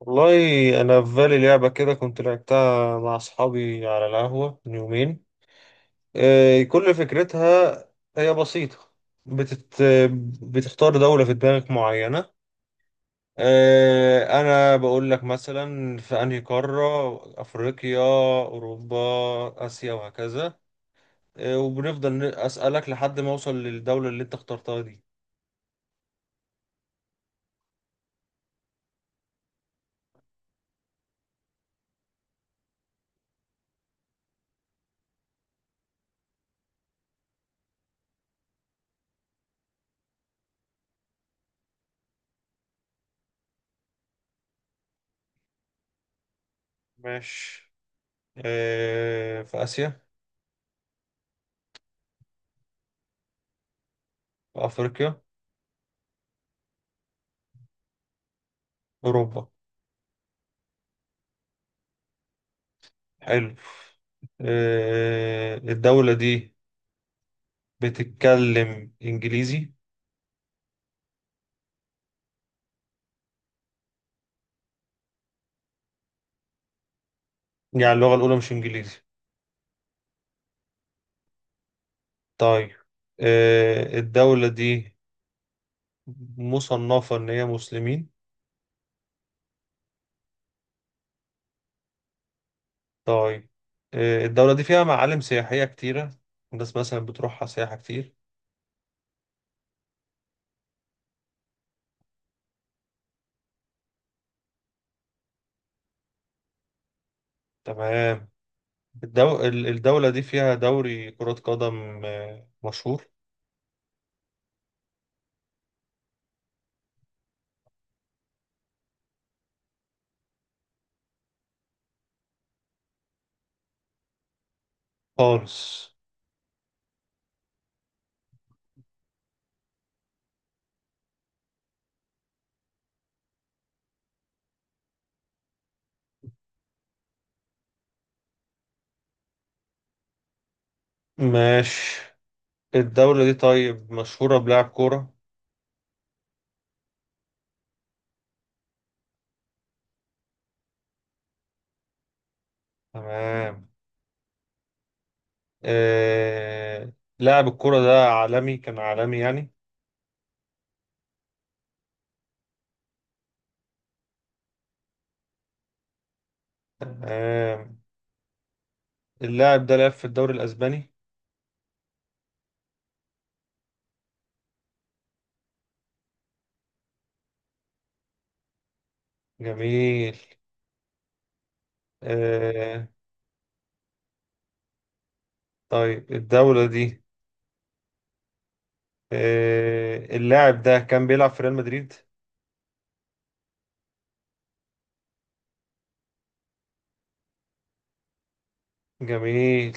والله، انا في بالي لعبه كده كنت لعبتها مع اصحابي على القهوه من يومين. كل فكرتها هي بسيطه. بتت... بتختار دوله في دماغك معينه. انا بقول لك مثلا في انهي قاره؟ افريقيا، اوروبا، اسيا وهكذا. وبنفضل اسالك لحد ما اوصل للدوله اللي انت اخترتها دي. ماشي. في اسيا؟ في افريقيا؟ اوروبا؟ حلو. الدولة دي بتتكلم إنجليزي؟ يعني اللغة الأولى مش إنجليزي؟ طيب. الدولة دي مصنفة إن هي مسلمين؟ طيب. الدولة دي فيها معالم سياحية كتيرة؟ الناس مثلا بتروحها سياحة كتير؟ تمام. الدولة دي فيها دوري كرة قدم مشهور؟ خالص. ماشي. الدولة دي طيب مشهورة بلعب كورة؟ تمام. آه، لاعب الكرة ده عالمي، كان عالمي يعني. آه، اللاعب ده لعب في الدوري الأسباني؟ جميل. آه، طيب الدولة دي، اللاعب ده كان بيلعب في ريال مدريد؟ جميل.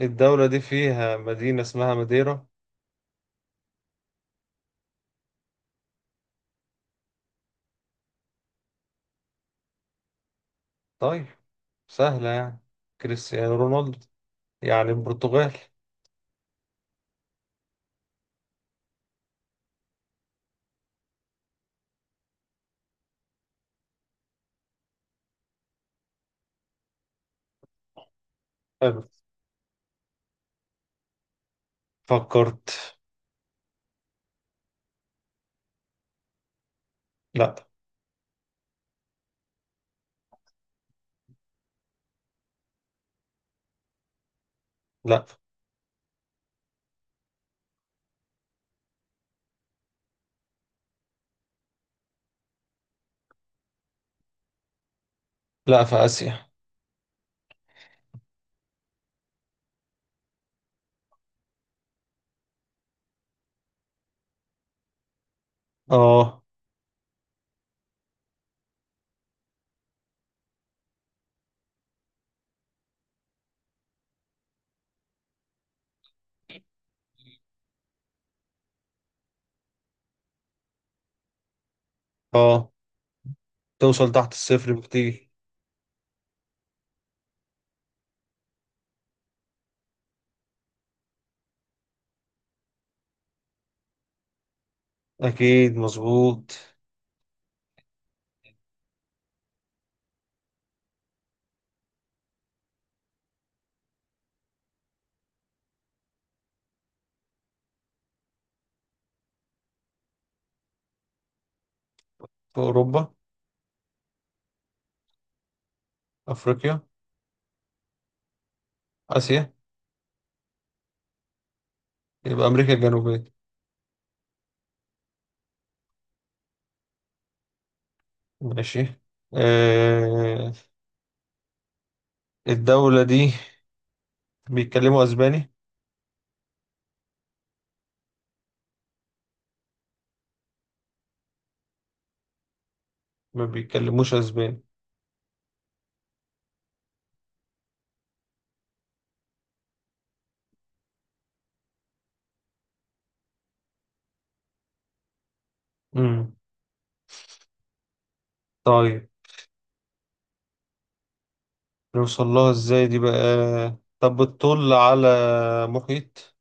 الدولة دي فيها مدينة اسمها ماديرا؟ طيب. سهلة يعني. كريستيانو رونالدو، يعني البرتغال. حلو. فكرت. لا، لا، لا. في آسيا. اه، اه. توصل تحت الصفر بكتير. أكيد مظبوط. في أوروبا؟ أفريقيا؟ آسيا؟ يبقى أمريكا الجنوبية. ماشي. آه، الدولة دي بيتكلموا أسباني؟ ما بيتكلموش أسباني. مم. طيب. نوصل لها إزاي دي بقى؟ طب بتطل على محيط؟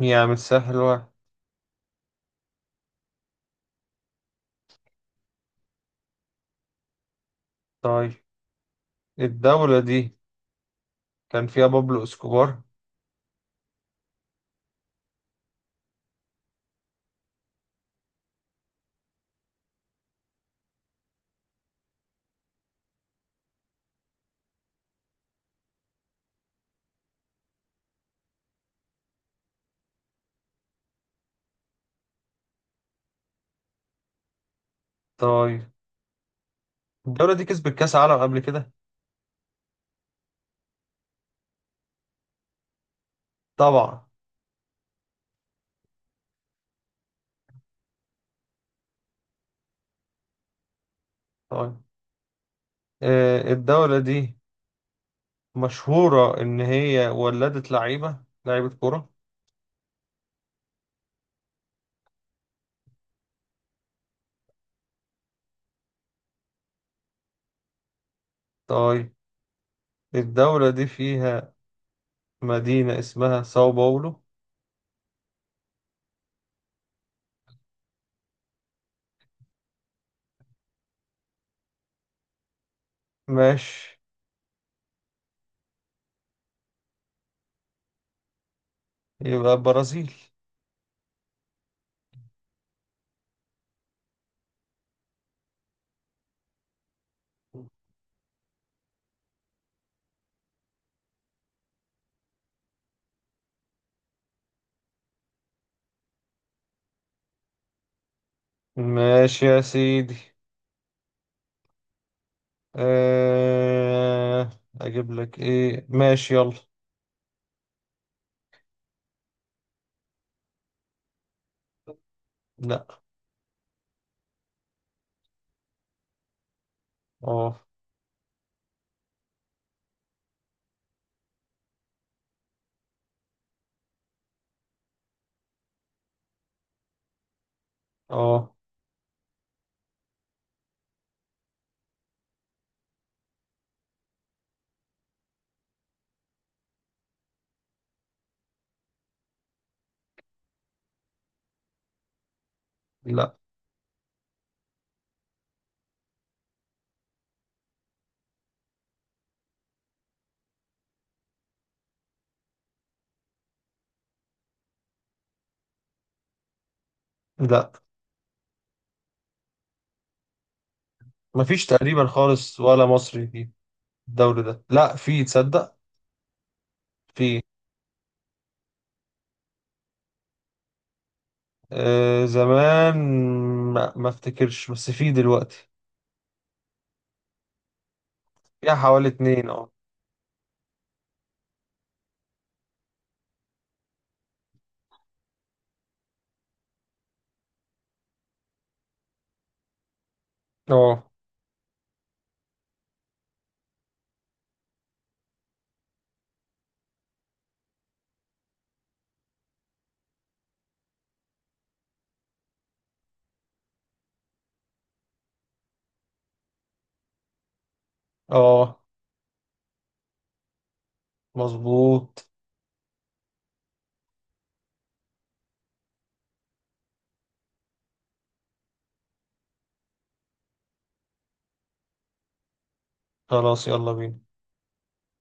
يعني مش سهل واحد. طيب الدولة دي كان فيها بابلو اسكوبار؟ طيب الدولة دي كسبت كأس عالم قبل كده؟ طبعا. طيب، الدولة دي مشهورة إن هي ولدت لعيبة لعيبة كرة. طيب الدولة دي فيها مدينة اسمها ساو باولو؟ ماشي. يبقى برازيل. ماشي يا سيدي. أه... أجيب لك إيه؟ ماشي، يلا. لا. اه، اه. لا، لا. مفيش تقريبا خالص ولا مصري في الدوري ده، لا، في تصدق. في، زمان، ما افتكرش، بس في دلوقتي فيها حوالي اتنين. اه، اه، اه. مظبوط. خلاص، يلا بينا.